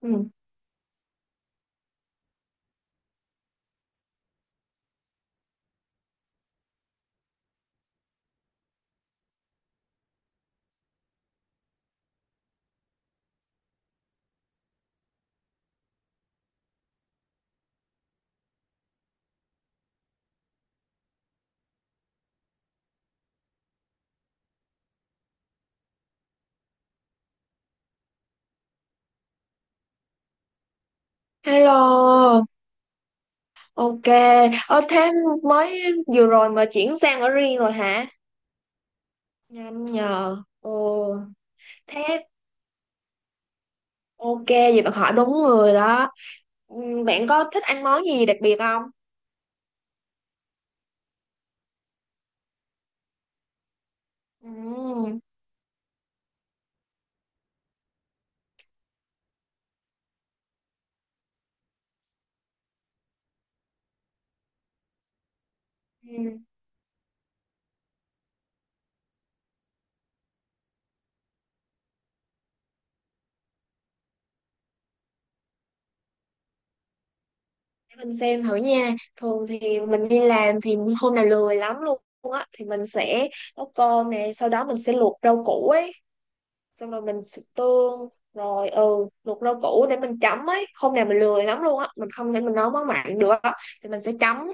Ừ. Hello, ok. Thế mới vừa rồi mà chuyển sang ở riêng rồi hả? Nhanh nhờ. Ồ, thế ok, vậy bạn hỏi đúng người đó. Ừ, bạn có thích ăn món gì đặc biệt không? Ừ. Ừ. Để mình xem thử nha. Thường thì mình đi làm thì hôm nào lười lắm luôn á thì mình sẽ nấu cơm nè, sau đó mình sẽ luộc rau củ ấy. Xong rồi mình xịt tương rồi luộc rau củ để mình chấm ấy. Hôm nào mình lười lắm luôn á, mình không thể mình nấu món mặn được á, thì mình sẽ chấm,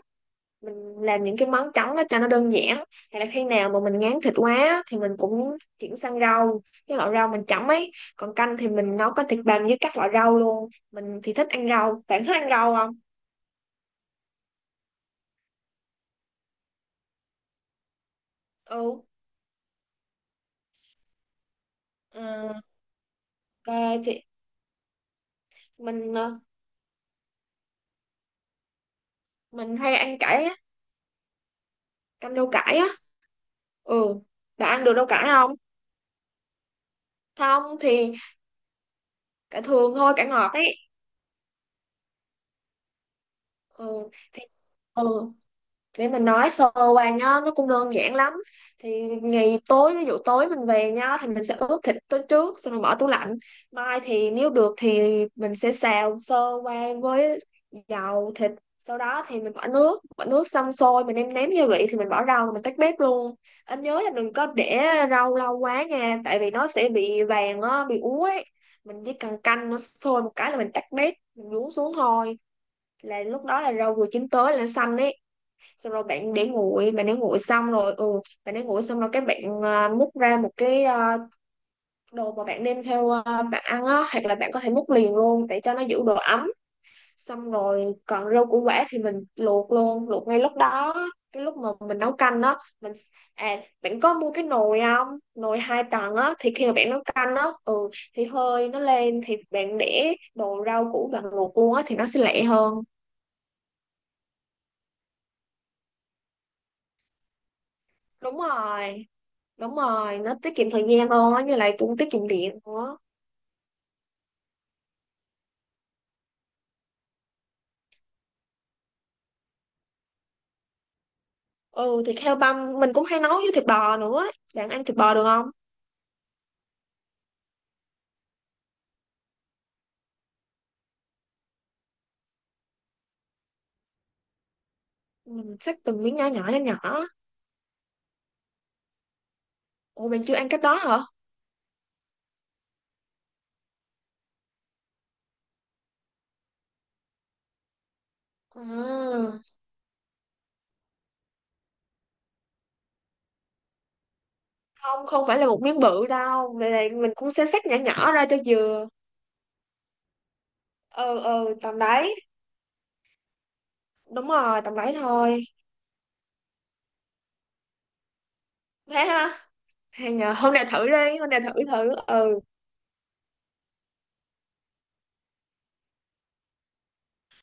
mình làm những cái món chấm đó cho nó đơn giản. Hay là khi nào mà mình ngán thịt quá á, thì mình cũng chuyển sang rau, cái loại rau mình chấm ấy. Còn canh thì mình nấu có thịt bằm với các loại rau luôn. Mình thì thích ăn rau, bạn thích ăn rau không? Ừ, ừ, ok. Thì mình mình hay ăn cải á, canh rau cải á. Ừ, bạn ăn được rau cải không? Không thì cả thường thôi, cả ngọt ấy. Ừ thì ừ, để mình nói sơ qua nhá, nó cũng đơn giản lắm. Thì ngày tối, ví dụ tối mình về nhá, thì mình sẽ ướp thịt tối trước xong rồi bỏ tủ lạnh. Mai thì nếu được thì mình sẽ xào sơ qua với dầu thịt. Sau đó thì mình bỏ nước xong sôi, mình nêm nếm gia vị thì mình bỏ rau mình tắt bếp luôn. Anh nhớ là đừng có để rau lâu quá nha, tại vì nó sẽ bị vàng á, bị úa ấy. Mình chỉ cần canh nó sôi một cái là mình tắt bếp, mình nhúng xuống thôi, là lúc đó là rau vừa chín tới là xanh ấy. Xong rồi bạn để nguội, bạn để nguội xong rồi ừ bạn để nguội xong rồi các bạn à, múc ra một cái à, đồ mà bạn đem theo à, bạn ăn á, hoặc là bạn có thể múc liền luôn để cho nó giữ độ ấm. Xong rồi còn rau củ quả thì mình luộc luôn, luộc ngay lúc đó, cái lúc mà mình nấu canh á, mình à bạn có mua cái nồi không? Nồi 2 tầng á thì khi mà bạn nấu canh á ừ thì hơi nó lên thì bạn để đồ rau củ bạn luộc luôn á thì nó sẽ lẹ hơn. Đúng rồi, đúng rồi, nó tiết kiệm thời gian hơn á, như lại cũng tiết kiệm điện nữa. Ừ, thịt heo băm mình cũng hay nấu với thịt bò nữa. Bạn ăn thịt bò được không? Mình xách từng miếng nhỏ nhỏ nhỏ nhỏ. Ủa bạn chưa ăn cách đó hả? À, không không phải là một miếng bự đâu, vậy là mình cũng sẽ xắt nhỏ nhỏ ra cho vừa. Ừ, ừ, tầm đấy. Đúng rồi, tầm đấy thôi. Thế ha, hay nhờ, hôm nay thử đi, hôm nay thử thử ừ.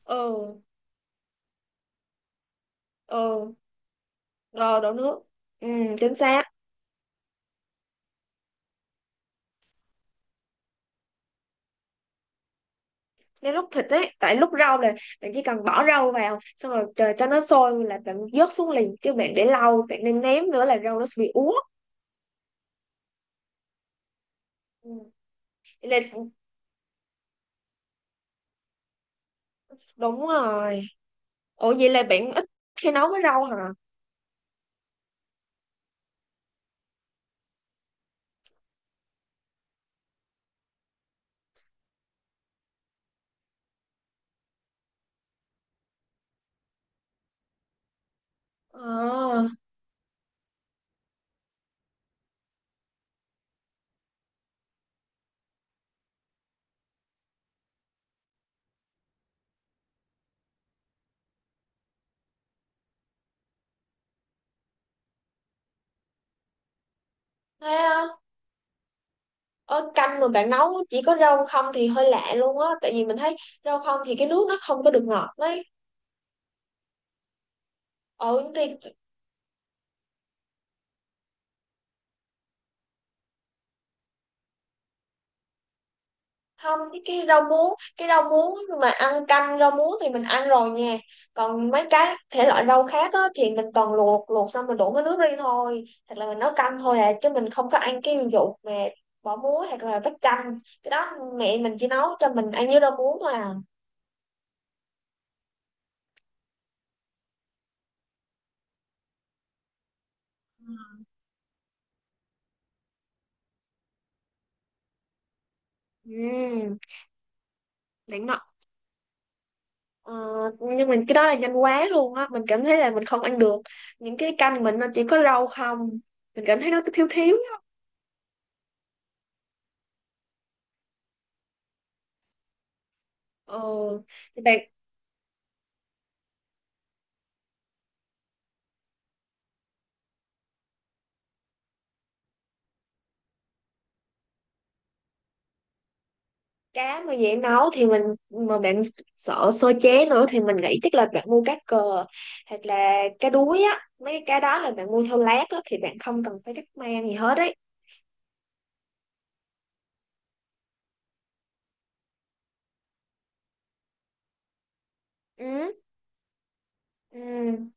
Ừ, ừ, rồi đổ nước. Ừ, chính xác. Nếu lúc thịt ấy, tại lúc rau là bạn chỉ cần bỏ rau vào xong rồi chờ cho nó sôi là bạn vớt xuống liền, chứ bạn để lâu bạn nên ném nữa là rau nó sẽ bị úa. Ừ. Vậy là đúng rồi. Ủa vậy là bạn ít khi nấu với rau hả? Ờ, thế á. Ở canh mà bạn nấu chỉ có rau không thì hơi lạ luôn á, tại vì mình thấy rau không thì cái nước nó không có được ngọt đấy. Ừ thì không, cái rau muống mà ăn canh rau muống thì mình ăn rồi nha. Còn mấy cái thể loại rau khác á, thì mình toàn luộc, luộc xong mình đổ cái nước đi thôi, hoặc là mình nấu canh thôi à, chứ mình không có ăn cái vụ mà bỏ muối hoặc là vắt canh cái đó. Mẹ mình chỉ nấu cho mình ăn với rau muống thôi à. Ừm, đỉnh nọ. Ờ, nhưng mình cái đó là nhanh quá luôn á, mình cảm thấy là mình không ăn được những cái canh mình nó chỉ có rau không, mình cảm thấy nó thiếu thiếu á. ờ thì bạn, cá mà dễ nấu thì mà bạn sợ sơ chế nữa thì mình nghĩ chắc là bạn mua cá cờ, hoặc là cá đuối á, mấy cái cá đó là bạn mua theo lát á thì bạn không cần phải cắt mang gì hết đấy. Ừ, ừ,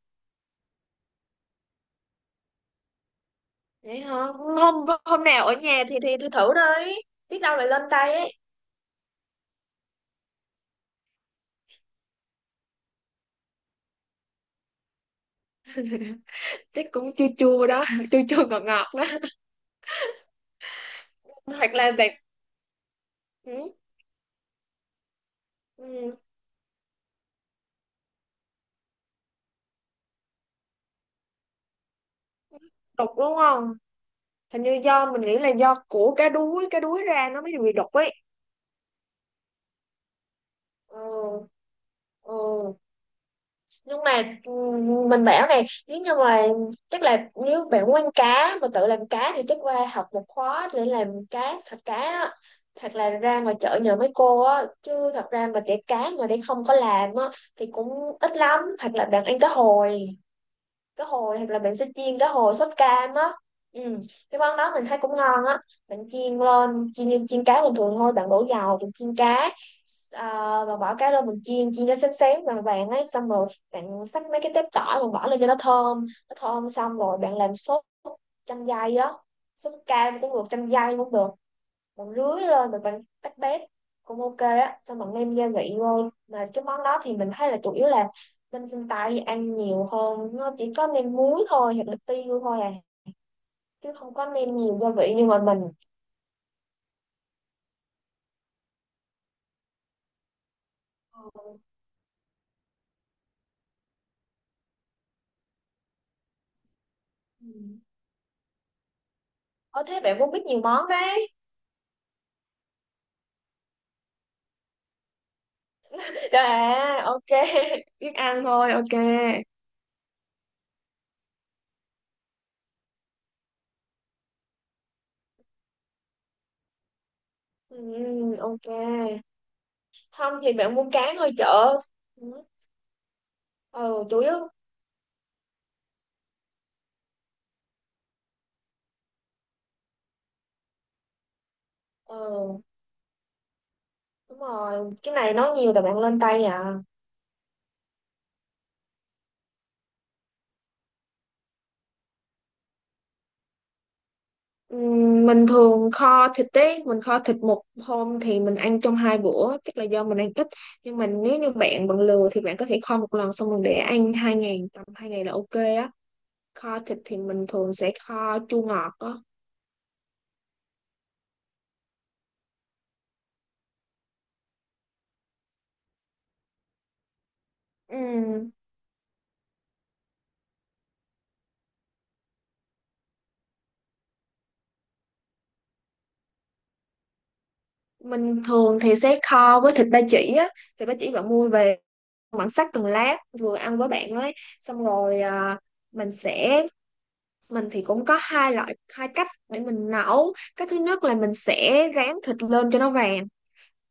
vậy hả, hôm hôm nào ở nhà thì thử thử đi, biết đâu lại lên tay ấy. Chắc cũng chua chua đó chua chua ngọt ngọt đó. Hoặc là bạn ừ, ừ, đục đúng không? Hình như do mình nghĩ là do của cá đuối, cá đuối ra nó mới bị đục ấy. Ừ, ừ, nhưng mà mình bảo này, nếu như mà chắc là nếu bạn muốn ăn cá mà tự làm cá thì chắc qua học một khóa để làm cá sạch cá á. Thật là ra ngoài chợ nhờ mấy cô á, chứ thật ra mà để cá mà để không có làm á thì cũng ít lắm. Hoặc là bạn ăn cá hồi, cá hồi hoặc là mình sẽ chiên cá hồi sốt cam á. Ừ. Cái món đó mình thấy cũng ngon á. Mình chiên lên chiên như chiên cá bình thường thôi, bạn đổ dầu mình chiên cá. Bạn bỏ cá lên mình chiên, chiên nó xém xém vàng vàng ấy, xong rồi bạn xắt mấy cái tép tỏi rồi bỏ lên cho nó thơm, nó thơm xong rồi bạn làm sốt chanh dây á, sốt cam cũng được, chanh dây cũng được. Bạn rưới lên rồi bạn tách bét cũng ok á, xong bạn nêm gia vị vô. Mà cái món đó thì mình thấy là chủ yếu là bên phương Tây ăn nhiều hơn, nó chỉ có nêm muối thôi hoặc là tiêu thôi à, chứ không có nêm nhiều gia vị như mà mình. Ừ. Ờ thế bạn cũng biết nhiều món đấy. Rồi à ok biết ăn thôi ok. Ừ, ok. Không thì bạn mua cá ngoài chợ. Ừ, ừ, chủ yếu. Ừ, đúng rồi, cái này nấu nhiều là bạn lên tay à. Mình thường kho thịt ấy, mình kho thịt một hôm thì mình ăn trong 2 bữa, chắc là do mình ăn ít. Nhưng mà nếu như bạn bận lừa thì bạn có thể kho một lần xong rồi để ăn 2 ngày, tầm 2 ngày là ok á. Kho thịt thì mình thường sẽ kho chua ngọt á. Ừm, Mình thường thì sẽ kho với thịt ba chỉ á, thịt ba chỉ bạn mua về, bạn xắt từng lát vừa ăn với bạn ấy, xong rồi à, mình sẽ mình thì cũng có hai loại hai cách để mình nấu. Cái thứ nhất là mình sẽ rán thịt lên cho nó vàng,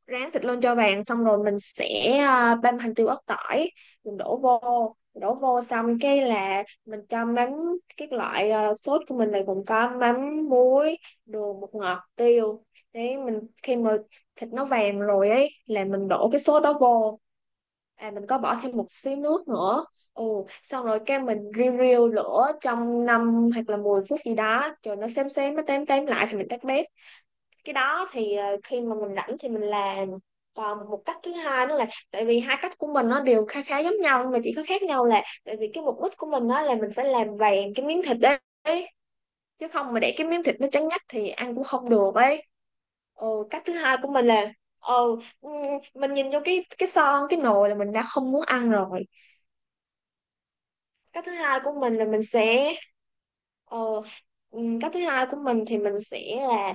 rán thịt lên cho vàng xong rồi mình sẽ à, băm hành tiêu ớt tỏi, mình đổ vô, xong cái là mình cho mắm. Cái loại à, sốt của mình là gồm có mắm, muối, đường, bột ngọt, tiêu. Đấy, mình khi mà thịt nó vàng rồi ấy là mình đổ cái sốt đó vô, à mình có bỏ thêm một xíu nước nữa. Ừ, xong rồi cái mình riu riu lửa trong 5 hoặc là 10 phút gì đó, rồi nó xém xém nó tém tém lại thì mình tắt bếp. Cái đó thì ờ, khi mà mình rảnh thì mình làm. Còn một cách thứ hai nữa là tại vì hai cách của mình nó đều khá khá giống nhau, nhưng mà chỉ có khác nhau là tại vì cái mục đích của mình đó là mình phải làm vàng cái miếng thịt đấy, chứ không mà để cái miếng thịt nó trắng nhách thì ăn cũng không được ấy. Ừ, cách thứ hai của mình là ờ ừ, mình nhìn vô cái son, cái nồi là mình đã không muốn ăn rồi. Cách thứ hai của mình là mình sẽ ờ, cách thứ hai của mình thì mình sẽ là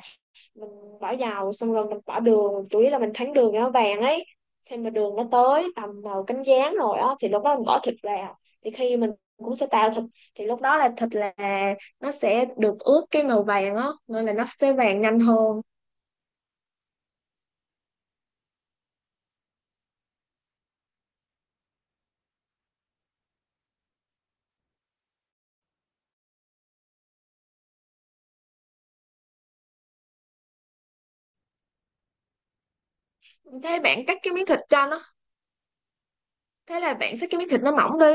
mình bỏ dầu xong rồi mình bỏ đường, chủ yếu là mình thắng đường cho nó vàng ấy. Khi mà đường nó tới tầm màu cánh gián rồi á thì lúc đó mình bỏ thịt vào, thì khi mình cũng sẽ tạo thịt, thì lúc đó là thịt là nó sẽ được ướp cái màu vàng á, nên là nó sẽ vàng nhanh hơn. thế bạn cắt cái miếng thịt cho nó Thế là bạn xắt cái miếng thịt nó mỏng đi.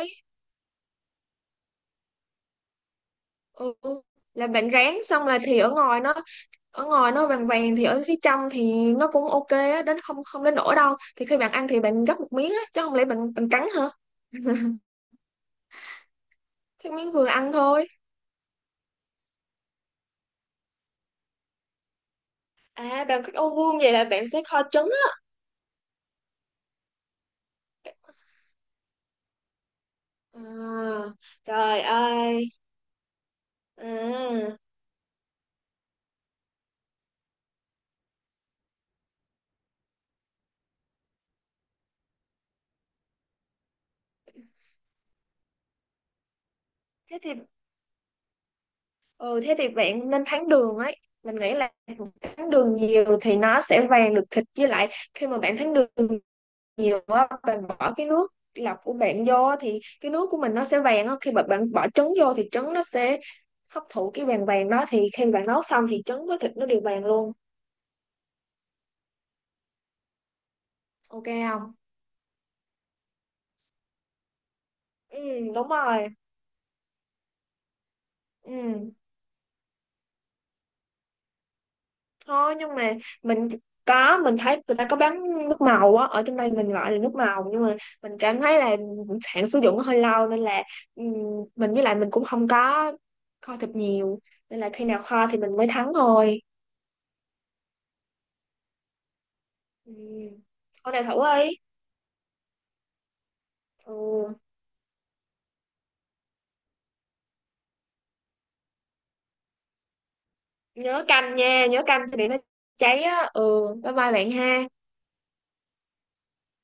Ừ. Là bạn rán xong là thì ở ngoài nó vàng vàng thì ở phía trong thì nó cũng ok á, đến không không đến nổi đâu, thì khi bạn ăn thì bạn gấp một miếng á, chứ không lẽ bạn bạn cắn hả? Thì miếng vừa ăn thôi. À, bạn thích ô vuông vậy là bạn sẽ kho trứng á. À, trời ơi. À, thế thì ừ, thế thì bạn nên thắng đường ấy. Mình nghĩ là thắng đường nhiều thì nó sẽ vàng được thịt, với lại khi mà bạn thắng đường nhiều á, bạn bỏ cái nước lọc của bạn vô á thì cái nước của mình nó sẽ vàng á. Khi mà bạn bỏ trứng vô thì trứng nó sẽ hấp thụ cái vàng vàng đó, thì khi bạn nấu xong thì trứng với thịt nó đều vàng luôn. Ok không? Ừ, đúng rồi. Ừ. Thôi nhưng mà mình có mình thấy người ta có bán nước màu á, ở trong đây mình gọi là nước màu, nhưng mà mình cảm thấy là hạn sử dụng nó hơi lâu nên là ừm, mình với lại mình cũng không có kho thịt nhiều, nên là khi nào kho thì mình mới thắng thôi. Ừm, hôm nào thử đi. Ừ. Nhớ canh nha, nhớ canh thì để nó cháy á ừ. Bye bye bạn ha.